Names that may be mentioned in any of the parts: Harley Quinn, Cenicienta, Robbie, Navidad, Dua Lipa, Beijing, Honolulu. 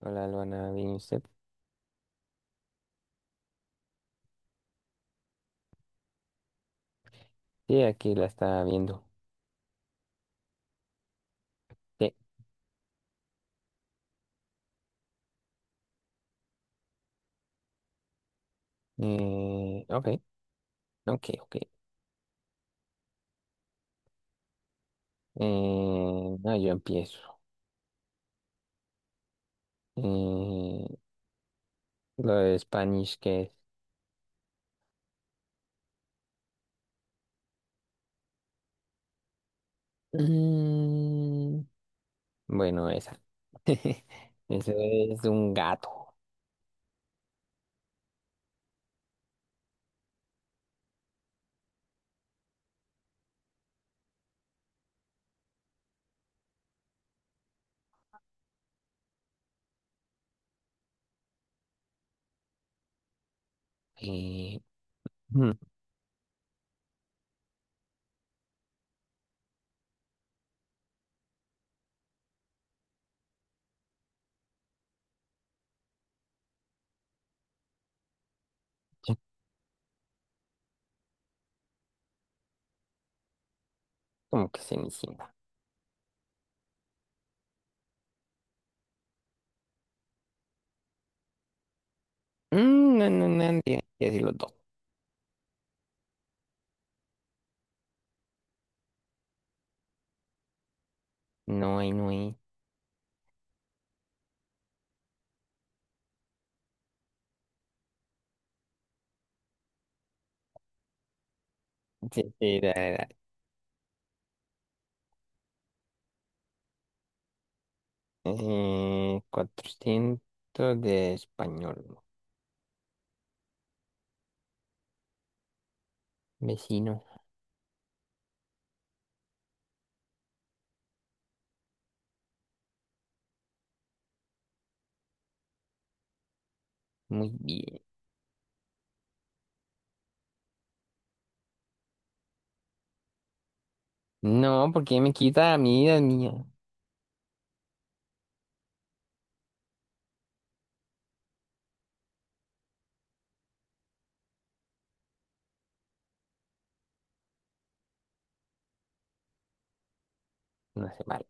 Hola, Luana, ¿bien y usted? Sí, aquí la está viendo. Sí. Ok, ok, ok. No, yo empiezo. Eh, lo de Spanish, ¿qué es? Mm, bueno, esa. Eso es un gato. Eh, mm, Como que Cenicienta. No, no, no, no, tiene que decir los dos. No hay, no hay. Sí, sí, da, da. 400 de español. Vecino. Muy bien. No, porque me quita a mí, la mía. No sé, vale.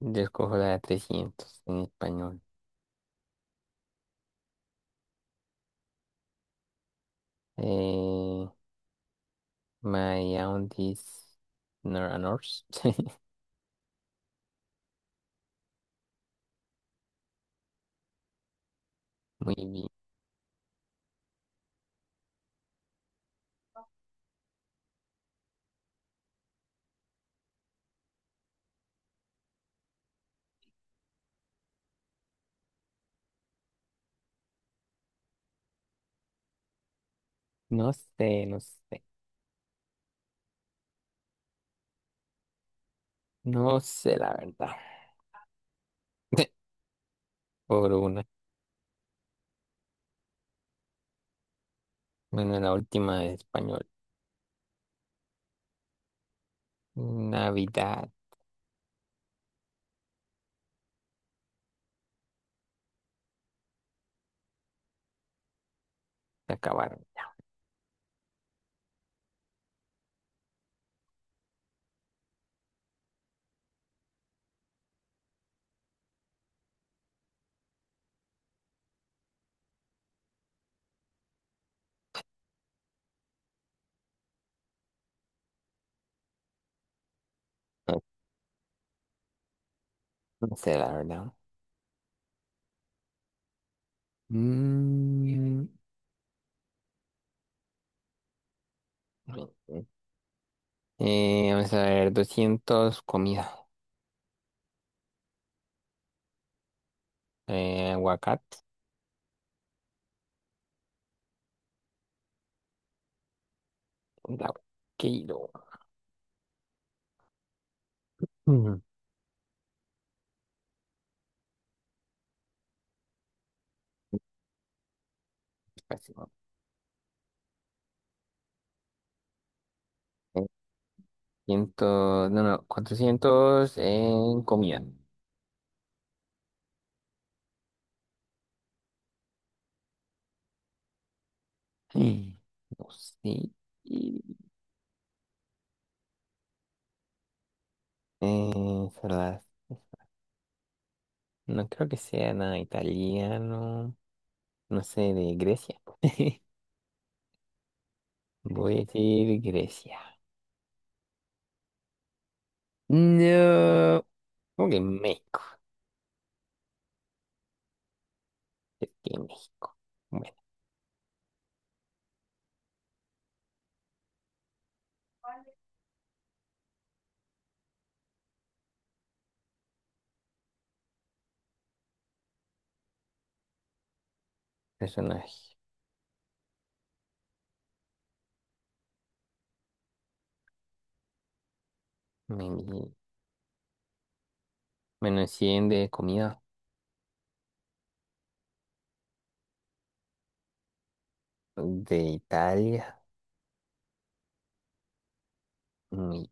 Yo escojo la de 300 en español. Eh, My aunties nor a nurse. Muy bien. No sé, no sé. No sé la verdad. Por una. Bueno, la última de español. Navidad. Se acabaron. No, no sé la verdad. Mm, Vamos a ver, 200 comida. Aguacate. La quiero. Pésimo. Eh, Ciento, no, no, 400 en comida. Mm. No sé. Es verdad. No creo que sea nada italiano. No sé, de Grecia. Voy a decir Grecia. No. ¿Cómo que México? Es que México. Bueno, personaje. Meni- Menos 100 de comida. De Italia. Mm,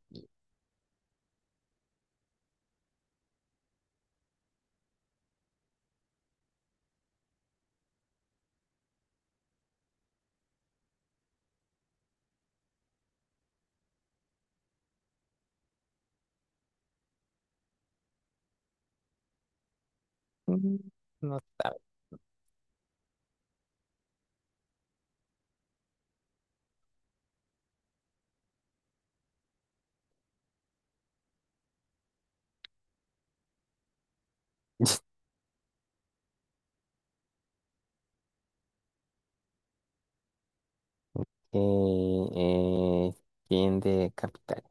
No sabe. Eh, eh, ¿Quién de capital?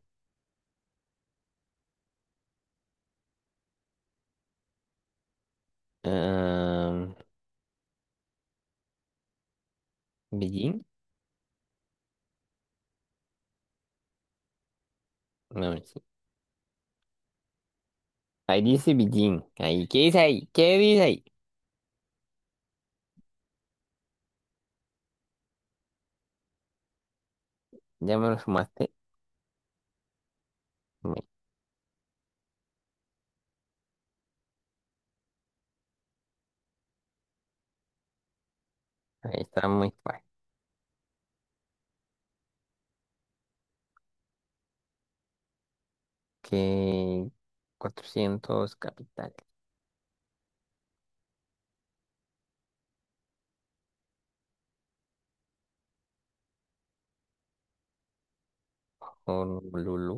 Ah, ¿Beijing? No, no, sí. Ahí dice Beijing. Ahí, ¿qué dice ahí? ¿Qué dice ahí? Ya me lo sumaste. Bueno, ahí está muy fácil. Que 400 capital. Honolulu.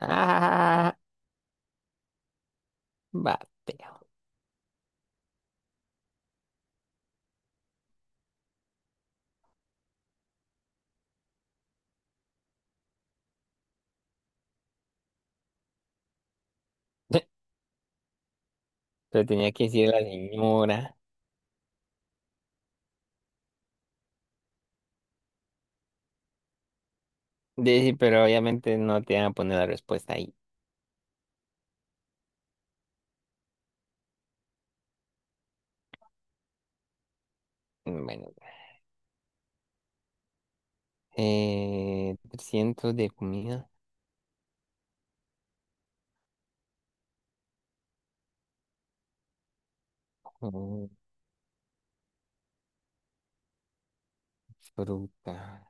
Ah, bateo. Pero tenía que decir la señora. Dice, pero obviamente no te van a poner la respuesta ahí. Bueno, 300 de comida. Oh, fruta.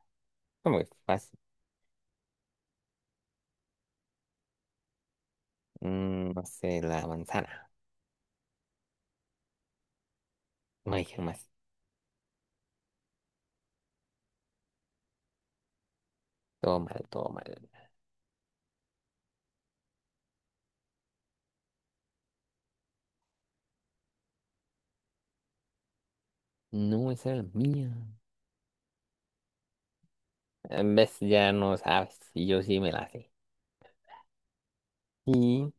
Como que fácil. No sé, la manzana. No dije más. Todo mal, todo mal. No, esa era la mía. En vez ya no sabes. Y yo sí me la sé. Sí,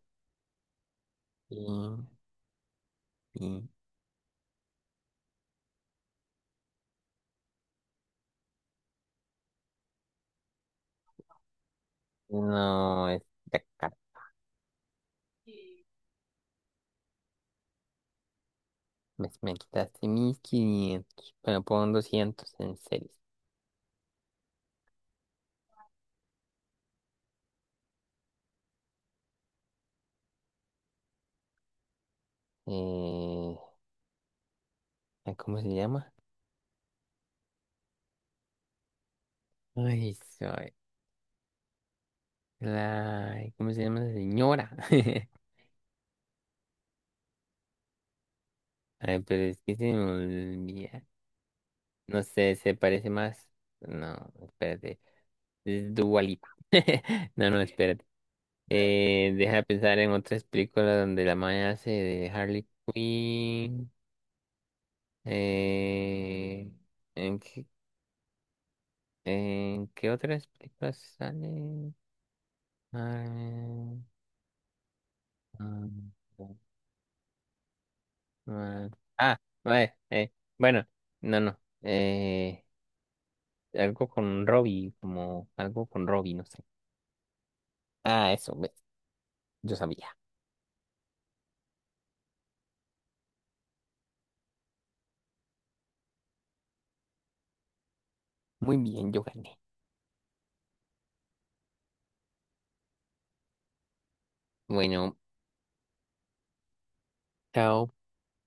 sí, sí. No, es de acá. Me quitaste 1500. Bueno, pon 200 en series. Eh, ¿Cómo se llama? Ay, soy la. ¿Cómo se llama la señora? Ay, pero es que se me olvida. No sé, se parece más. No, espérate. Es Dua Lipa. No, no, espérate. Deja de pensar en otras películas donde la maña hace de Harley Quinn. Eh, ¿En qué, en qué otras películas sale? Ah, ah, ah, ah, bueno, no, no. Algo con Robbie, como algo con Robbie, no sé. Ah, eso, ve, yo sabía. Muy bien, yo gané. Bueno, chao.